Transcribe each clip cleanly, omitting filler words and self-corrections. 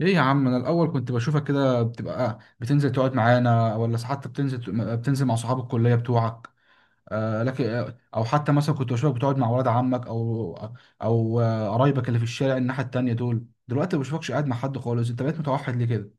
ايه يا عم، انا الاول كنت بشوفك كده بتبقى بتنزل تقعد معانا، ولا حتى بتنزل مع صحاب الكليه بتوعك. آه لكن او حتى مثلا كنت بشوفك بتقعد مع ولاد عمك او قرايبك اللي في الشارع الناحيه التانيه دول. دلوقتي ما بشوفكش قاعد مع حد خالص، انت بقيت متوحد ليه كده؟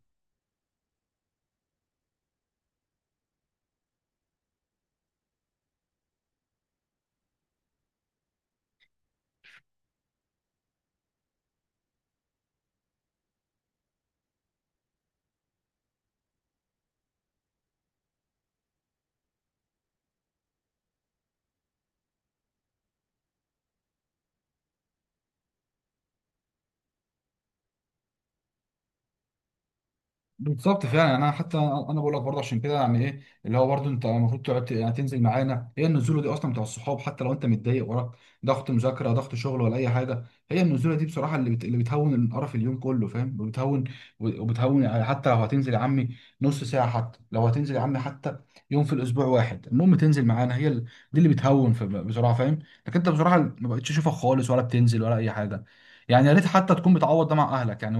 بالظبط فعلا، يعني انا حتى انا بقول لك برضه عشان كده، يعني ايه اللي هو برضه انت المفروض تقعد يعني تنزل معانا. هي النزوله دي اصلا بتاع الصحاب، حتى لو انت متضايق وراك ضغط مذاكره، ضغط شغل، ولا اي حاجه. هي النزوله دي بصراحه اللي بتهون القرف اليوم كله، فاهم، وبتهون يعني. حتى لو هتنزل يا عمي نص ساعه، حتى لو هتنزل يا عمي حتى يوم في الاسبوع واحد، المهم تنزل معانا. دي اللي بتهون بصراحه، فاهم. لكن انت بصراحه ما بقتش اشوفك خالص، ولا بتنزل ولا اي حاجه. يعني يا ريت حتى تكون بتعوض ده مع اهلك، يعني.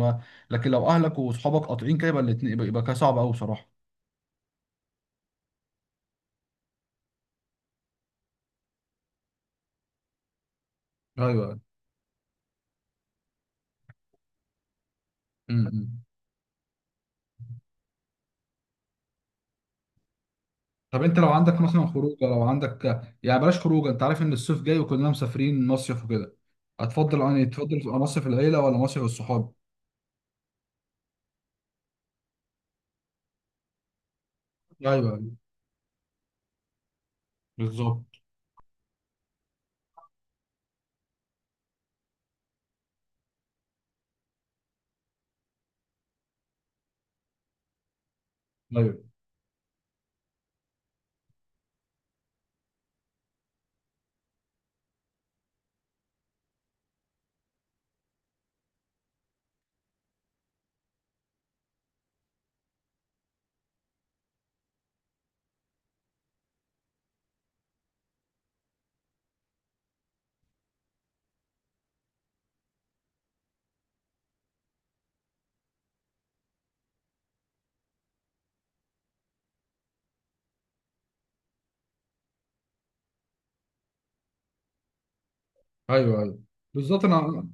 لكن لو اهلك واصحابك قاطعين كده، يبقى الاتنين، يبقى كده صعب قوي بصراحه. ايوه. امم طب انت لو عندك مثلا خروجه، لو عندك، يعني بلاش خروجه، انت عارف ان الصيف جاي وكلنا مسافرين مصيف وكده، هتفضل يعني تفضل تبقى مصيف العيله ولا مصيف الصحاب؟ ايوه، ايوه. بالظبط. ايوه، ايوه، ايوه. بالظبط. انا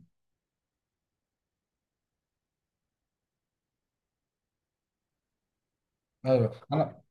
ايوه انا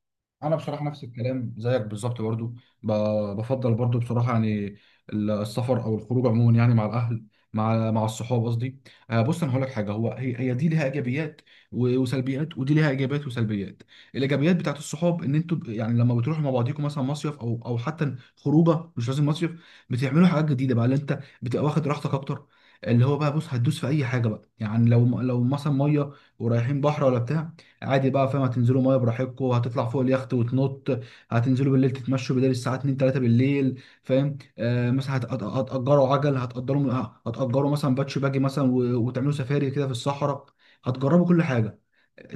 انا بصراحه نفس الكلام زيك بالظبط برضو. بفضل برضو بصراحه، يعني السفر او الخروج عموما، يعني مع الاهل، مع الصحاب قصدي. آه، بص انا هقول لك حاجه، هو هي دي ليها ايجابيات وسلبيات، ودي ليها ايجابيات وسلبيات. الايجابيات بتاعت الصحاب ان انتوا يعني لما بتروحوا مع بعضيكم مثلا مصيف، او حتى خروجه مش لازم مصيف، بتعملوا حاجات جديده بقى، اللي انت بتبقى واخد راحتك اكتر. اللي هو بقى بص هتدوس في اي حاجه بقى. يعني لو مثلا ميه ورايحين بحر ولا بتاع، عادي بقى، فاهم، هتنزلوا ميه براحتكم، هتطلع فوق اليخت وتنط، هتنزلوا بالليل تتمشوا بدل الساعه 2 3 بالليل، فاهم. آه مثلا هتأجروا عجل، هتأجروا مثلا باتش باجي مثلا، وتعملوا سفاري كده في الصحراء، هتجربوا كل حاجه،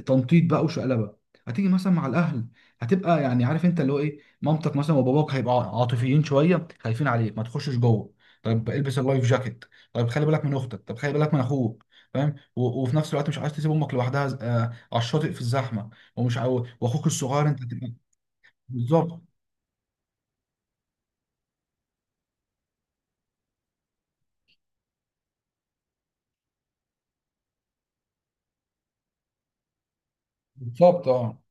تنطيط بقى وشقلبه. هتيجي مثلا مع الاهل، هتبقى يعني عارف، انت اللي هو ايه، مامتك مثلا وباباك هيبقوا عاطفيين شويه، خايفين عليك، ما تخشش جوه، طيب البس اللايف جاكيت، طيب خلي بالك من اختك، طب خلي بالك من اخوك. فاهم، وفي نفس الوقت مش عايز تسيب امك لوحدها على الشاطئ في الزحمه. واخوك الصغير انت تبقى. بالظبط. بالظبط، اه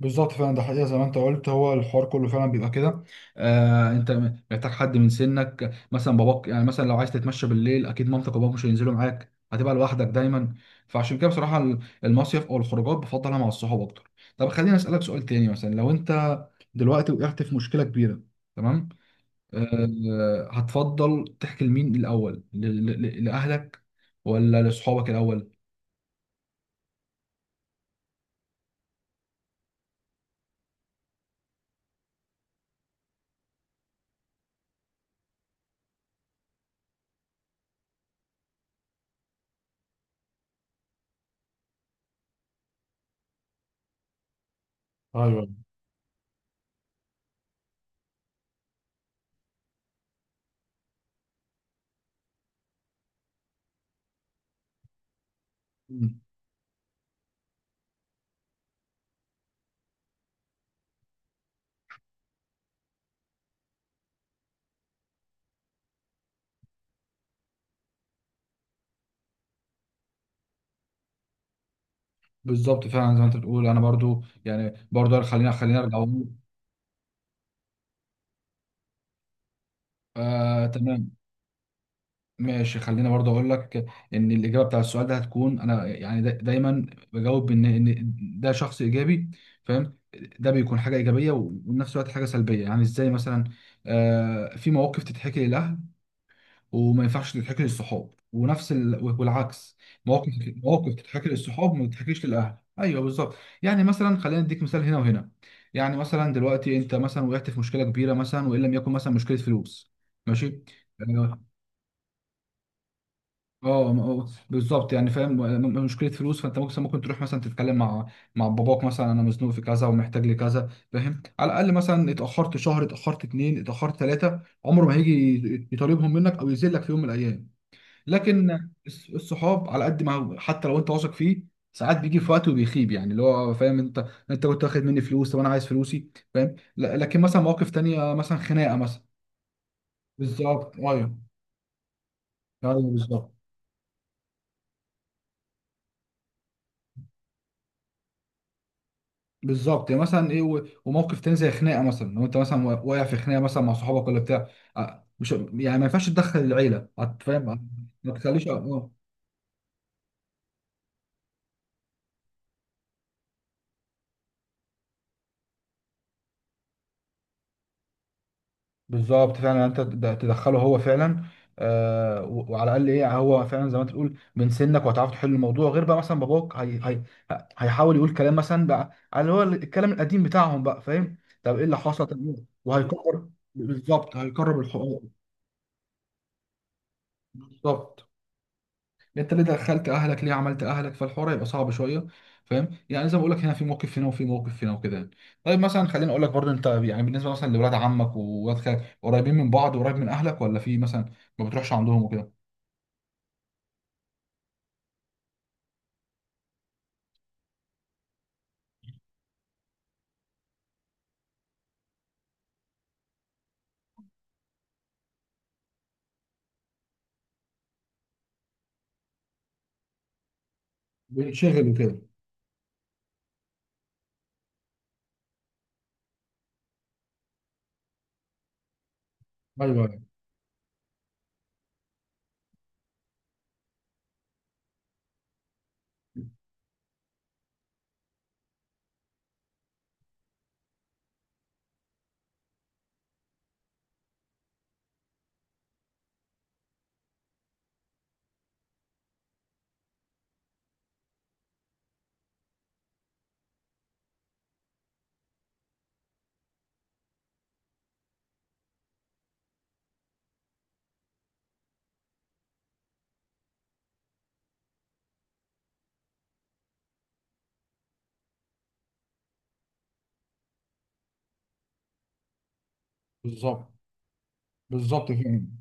بالظبط فعلا، ده حقيقه زي ما انت قلت، هو الحوار كله فعلا بيبقى كده. آه، انت محتاج حد من سنك. مثلا باباك، يعني مثلا لو عايز تتمشى بالليل، اكيد مامتك وباباك مش هينزلوا معاك، هتبقى لوحدك دايما. فعشان كده بصراحه المصيف او الخروجات بفضلها مع الصحاب اكتر. طب خليني اسالك سؤال تاني، مثلا لو انت دلوقتي وقعت في مشكله كبيره، تمام، آه هتفضل تحكي لمين الاول، لاهلك ولا لاصحابك الاول؟ ايوه. مم. بالظبط فعلا، زي ما انت بتقول، انا برضو يعني برضو، خلينا ارجع اقول. آه تمام. ماشي خلينا برضو اقول لك ان الاجابه بتاع السؤال ده هتكون، انا يعني دا دايما بجاوب ان ده شخص ايجابي، فاهم. ده بيكون حاجه ايجابيه وفي نفس الوقت حاجه سلبيه. يعني ازاي مثلا؟ آه، في مواقف تتحكي للاهل وما ينفعش تتحكي للصحاب، ونفس والعكس، مواقف تتحكي للصحاب ما تتحكيش للاهل، ايوه بالظبط. يعني مثلا خلينا نديك مثال هنا وهنا. يعني مثلا دلوقتي انت مثلا وقعت في مشكله كبيره مثلا، وان لم يكن مثلا مشكله فلوس، ماشي. اه، آه، آه، بالظبط يعني فاهم. مشكله فلوس، فانت ممكن، تروح مثلا تتكلم مع باباك مثلا، انا مزنوق في كذا ومحتاج لكذا، فاهم، على الاقل مثلا اتاخرت شهر، اتاخرت اتنين، اتاخرت ثلاثه، عمره ما هيجي يطالبهم منك او يذلك في يوم من الايام. لكن الصحاب على قد ما حتى لو انت واثق فيه، ساعات بيجي في وقت وبيخيب، يعني اللي هو فاهم، انت كنت واخد مني فلوس، طب انا عايز فلوسي، فاهم. لكن مثلا مواقف تانية مثلا خناقه مثلا. بالظبط، ايوه. ايوه، بالظبط. بالظبط يعني مثلا ايه وموقف تاني زي خناقه مثلا، لو انت مثلا واقع في خناقه مثلا مع صحابك ولا بتاع، اه، مش يعني ما ينفعش تدخل العيله، فاهم. ما تخليش، اه. بالظبط فعلا، يعني انت تدخله هو فعلا. آه وعلى الاقل ايه، هو فعلا زي ما انت بتقول من سنك وهتعرف تحل الموضوع. غير بقى مثلا باباك، هيحاول يقول كلام مثلا بقى على هو الكلام القديم بتاعهم بقى، فاهم، طب ايه اللي حصل؟ طب إيه؟ وهيكرر. بالظبط، هيكرر الحقوق. بالظبط. انت ليه دخلت اهلك، ليه عملت اهلك، فالحوار هيبقى صعب شويه، فاهم. يعني زي ما بقول لك، هنا في موقف هنا وفي موقف هنا، وكده يعني. طيب مثلا خليني اقول لك برضه، انت يعني بالنسبه مثلا لولاد عمك وولاد خالك، قريبين من بعض وقريب من اهلك، ولا في مثلا ما بتروحش عندهم وكده؟ بينشغل وكده. ايوه، ايوه. بالظبط. بالظبط، فاهم.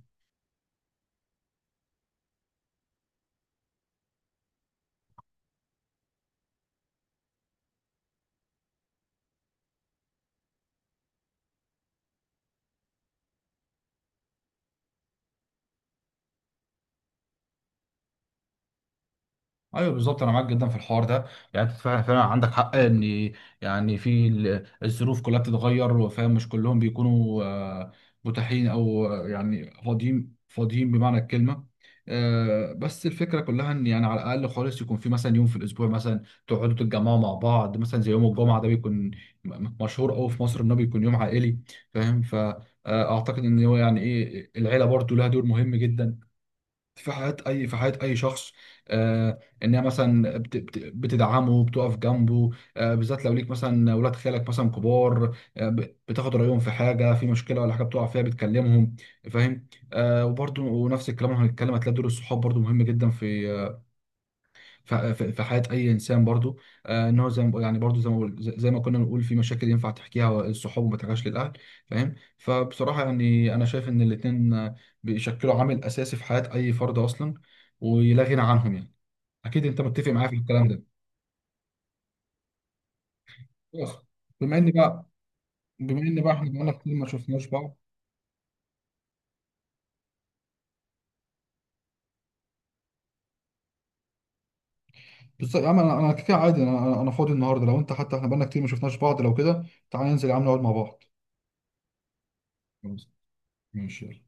ايوه بالظبط، انا معاك جدا في الحوار ده. يعني انت فعلا فعلا عندك حق، ان يعني في الظروف كلها بتتغير، وفاهم مش كلهم بيكونوا متاحين، او يعني فاضيين بمعنى الكلمه. آه، بس الفكره كلها ان يعني على الاقل خالص، يكون في مثلا يوم في الاسبوع مثلا تقعدوا تتجمعوا مع بعض، مثلا زي يوم الجمعه ده بيكون مشهور قوي في مصر انه بيكون يوم عائلي، فاهم. فاعتقد ان هو يعني ايه، العيله برضو لها دور مهم جدا في حياة أي، في حياة أي شخص. آه، إنها مثلا بتدعمه، بتقف جنبه. آه، بالذات لو ليك مثلا ولاد خالك مثلا كبار، آه، بتاخد رأيهم في حاجة، في مشكلة ولا حاجة بتقع فيها بتكلمهم، فاهم. آه، وبرضه ونفس الكلام هنتكلم، هتلاقي دور الصحاب برضه مهم جدا في في حياه اي انسان برضو. آه، ان هو زي ما بقول، يعني برضو زي ما بقول، زي ما كنا بنقول، في مشاكل ينفع تحكيها للصحاب وما تحكيهاش للاهل، فاهم. فبصراحه يعني انا شايف ان الاثنين بيشكلوا عامل اساسي في حياه اي فرد اصلا، ولا غنى عنهم يعني. اكيد انت متفق معايا في الكلام ده. خلاص. بما ان بقى، بما ان بقى احنا بقالنا كتير ما شفناش بعض. بالظبط يا عم، انا كده عادي، انا فاضي النهارده، لو انت، حتى احنا بقالنا كتير ما شفناش بعض، لو كده تعالى ننزل يا عم نقعد مع بعض. خلاص، ماشي، يلا.